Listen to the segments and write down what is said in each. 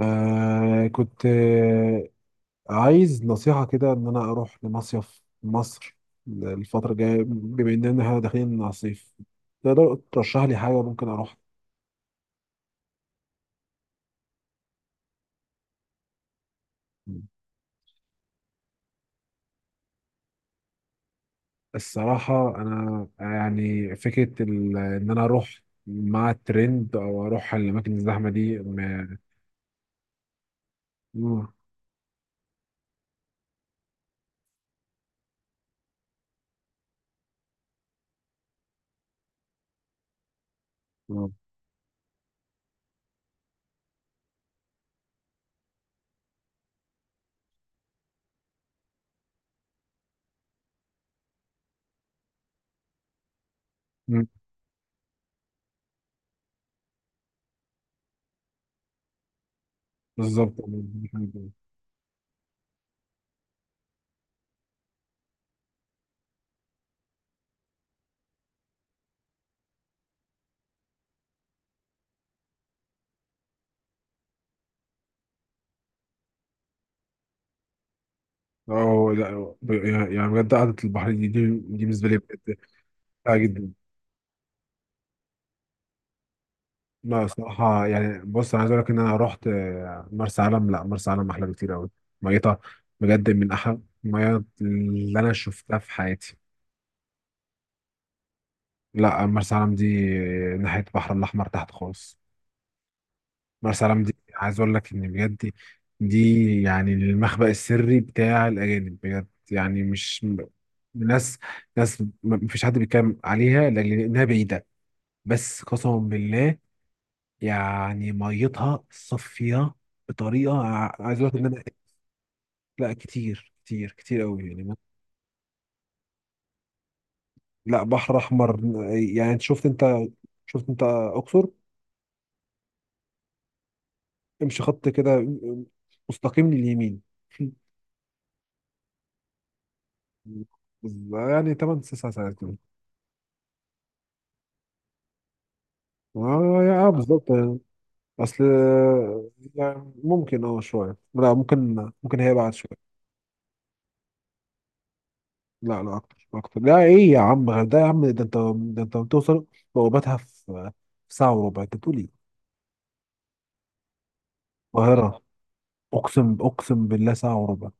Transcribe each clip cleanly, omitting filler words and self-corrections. كنت عايز نصيحة كده إن أنا أروح لمصيف مصر الفترة الجاية، بما إننا إحنا داخلين على الصيف. تقدر ترشح لي حاجة ممكن أروح؟ الصراحة أنا يعني فكرة إن أنا أروح مع الترند أو أروح الأماكن الزحمة دي مم. مم. مم. بالظبط. أه، لا، يعني بجد قعدة البحر دي بالنسبة لي بجد ممتعة جدا. لا، صراحة يعني، بص، أنا عايز أقول لك إن أنا رحت مرسى علم. لا، مرسى علم أحلى بكتير أوي. ميتها، بجد، من أحلى المياه اللي أنا شفتها في حياتي. لا، مرسى علم دي ناحية البحر الأحمر تحت خالص. مرسى علم دي عايز أقول لك إن بجد دي يعني المخبأ السري بتاع الأجانب، بجد، يعني مش ناس، مفيش حد بيتكلم عليها لأنها بعيدة. بس قسما بالله، يعني ميتها صافية بطريقة عايز اقول لك ان انا. لا، كتير كتير كتير قوي، يعني لا، بحر احمر. يعني انت شفت انت اقصر. امشي خط كده مستقيم لليمين. يعني 8 9 ساعات كده. اه، بالظبط يعني. اصل يعني ممكن شوية، لا ممكن هي بعد شوية. لا لا، اكتر اكتر، لا ايه يا عم، غير ده يا عم، ده انت بتوصل بوابتها في ساعة وربع. انت بتقول ايه؟ القاهرة. أقسم بالله ساعة وربع.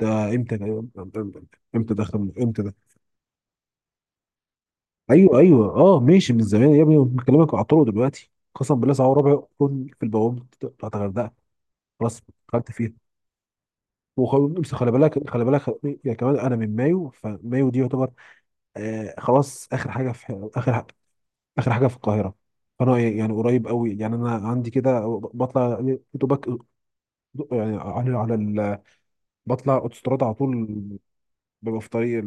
ده إمتى ده؟ إمتى ده إمتى ده؟ أيوه، أيوه، ماشي، من زمان يا ابني، بكلمك على الطرق دلوقتي، قسما بالله ساعة وربع كنت في البوابة بتاعت الغردقة. خلاص. دخلت فيها وخلاص. خلي بالك، خلي بالك. يعني كمان أنا من مايو، فمايو دي يعتبر خلاص آخر حاجة في آخر حاجة في القاهرة. فأنا يعني قريب قوي، يعني أنا عندي كده. بطلع دوبك يعني بطلع أوتوستراد على طول. ببقى في طريق.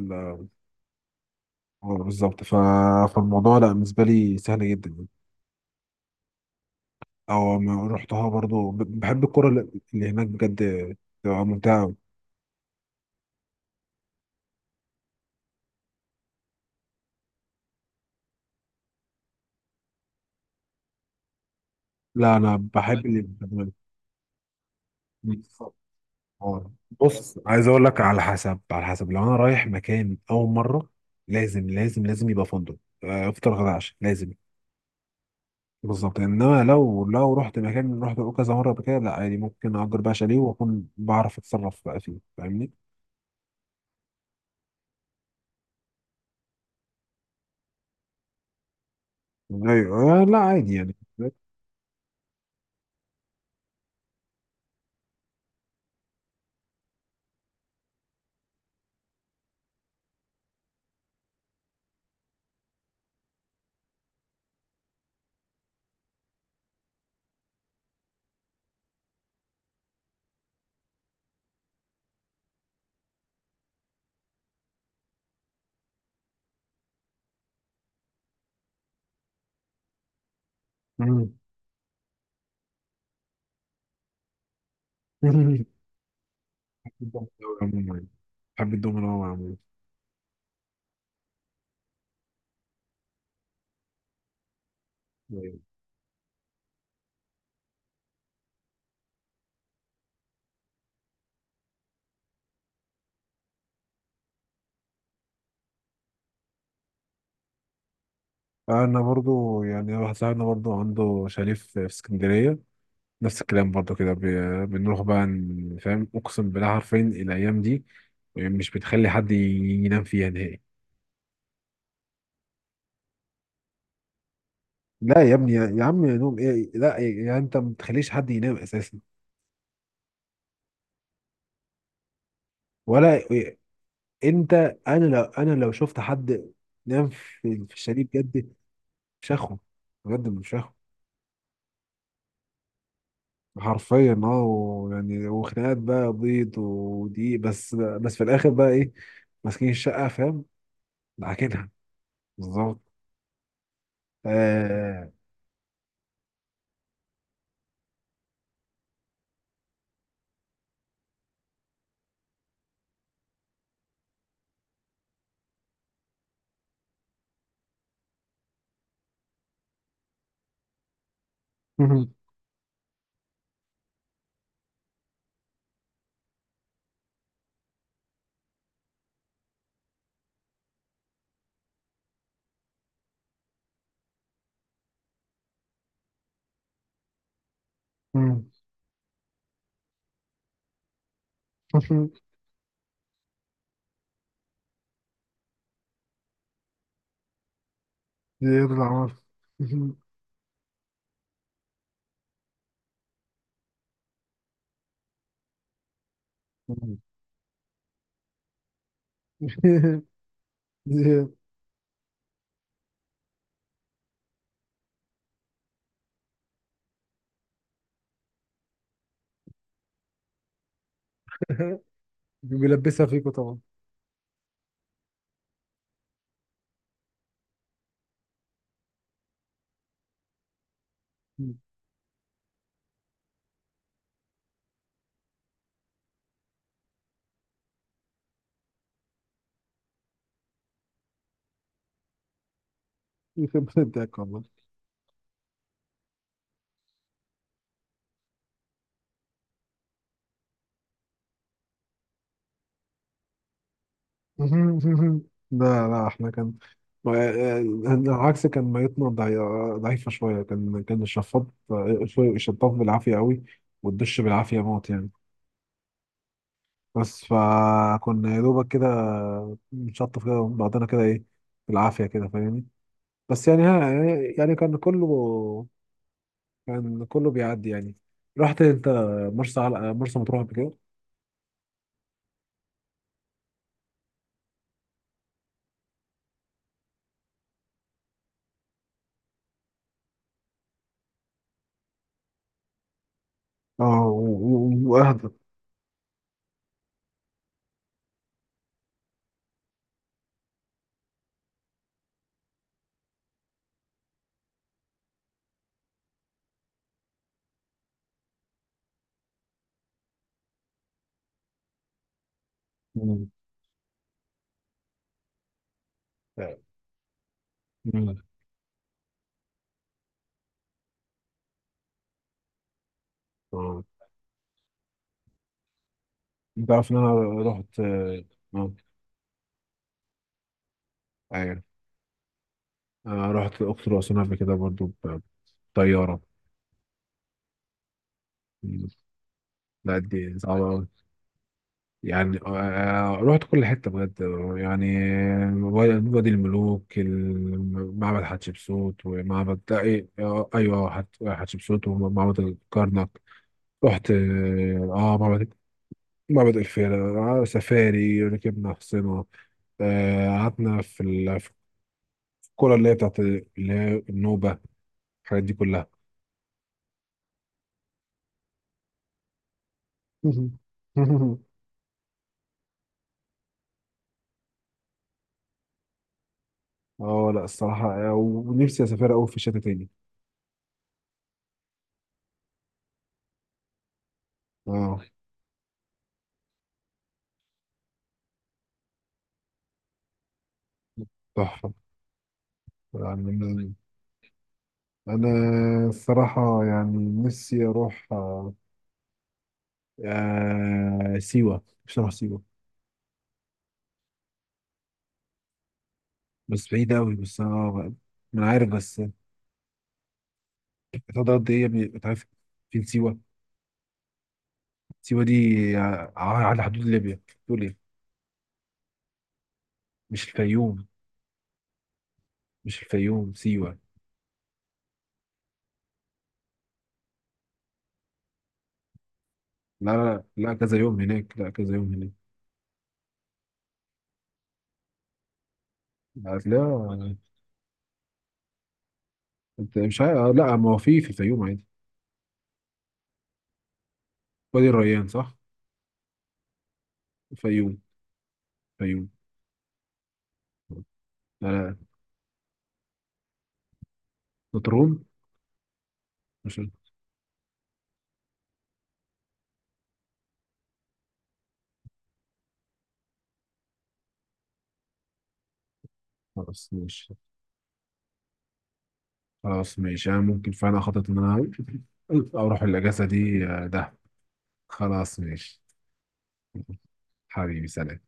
اه، بالظبط، فالموضوع لا بالنسبه لي سهل جدا يعني. او ما رحتها برضو، بحب الكره اللي هناك بجد، بتبقى ممتعه أوي. لا، انا بحب اللي بتعمله. بالظبط. اه، بص، عايز اقول لك: على حسب، على حسب لو انا رايح مكان اول مره، لازم لازم لازم يبقى فندق، افطر غدا عشاء، لازم. بالظبط. انما لو، رحت مكان، رحت كذا مره قبل كده، لا عادي، ممكن اجر بقى شاليه واكون بعرف اتصرف بقى فيه، فاهمني؟ ايوه. لا عادي يعني. مم. بحب الدومينو عموما. بحب الدومينو أوي عموما. أيوة. أنا برضو، يعني واحد صاحبنا برضو عنده شاليه في اسكندرية، نفس الكلام برضو كده، بنروح بقى فاهم، أقسم بالله حرفيا الأيام دي مش بتخلي حد ينام فيها نهائي. لا يا ابني، يا عم، يا نوم ايه، لا يعني انت ما بتخليش حد ينام اساسا. ولا انت، انا لو شفت حد نام في الشاليه بجد، مش هاخد، بجد مش هاخد. حرفيا، اه، ويعني، وخناقات بقى بيض ودقيق، بس في الاخر بقى ايه؟ ماسكين الشقه، فاهم؟ عاكلها، بالظبط. آه. زياد العمر. زياد بيلبسها فيكوا طبعا. يخرب بيتك والله. لا لا، احنا كان آه، العكس، كان ميتنا ضعيفة شوية، كان الشفاط، الشطاف بالعافية قوي، والدش بالعافية موت يعني. بس فكنا يا دوبك كده بنشطف كده بعضنا كده ايه، بالعافية كده، فاهمني. بس يعني ها، يعني كان كله بيعدي يعني. رحت انت مرسى، على مرسى مطروح قبل كده؟ اه، واهدى. مم. مم. اه، انت عارف ان انا رحت، آه، ايوه، رحت الاقصر واسوان قبل كده برضو، بطيارة. مم. لا، دي صعبة أوي. يعني رحت كل حتة بجد. يعني وادي الملوك، معبد حتشبسوت، ومعبد، لا، إيه، أيوه، حتشبسوت، ومعبد الكرنك. رحت، معبد الفيلة، سفاري، ركبنا حصينة، قعدنا في الكرة اللي هي بتاعت اللي هي النوبة، الحاجات دي كلها. اه، لا، الصراحة، ونفسي أسافر أوي في الشتاء تاني. اه، تحفة يعني. انا، الصراحه، يعني نفسي اروح، سيوه. مش هروح سيوه، بس بعيد قوي، بس انا ما، انا عارف بس. هتقعد قد ايه يا ابني؟ انت عارف فين سيوه؟ سيوه دي على حدود ليبيا، تقول ايه؟ مش الفيوم. مش الفيوم، سيوه. لا لا لا، كذا يوم هناك. لا، كذا يوم هناك. هتلاقيها. انت مش عارف. لا، ما هو في الفيوم عادي، وادي الريان، صح؟ الفيوم. الفيوم. لا لا، نطرون. مش. خلاص ماشي. خلاص ماشي، انا ممكن فعلا خطط ان انا اروح الاجازه دي دهب. خلاص ماشي. حبيبي، سلام.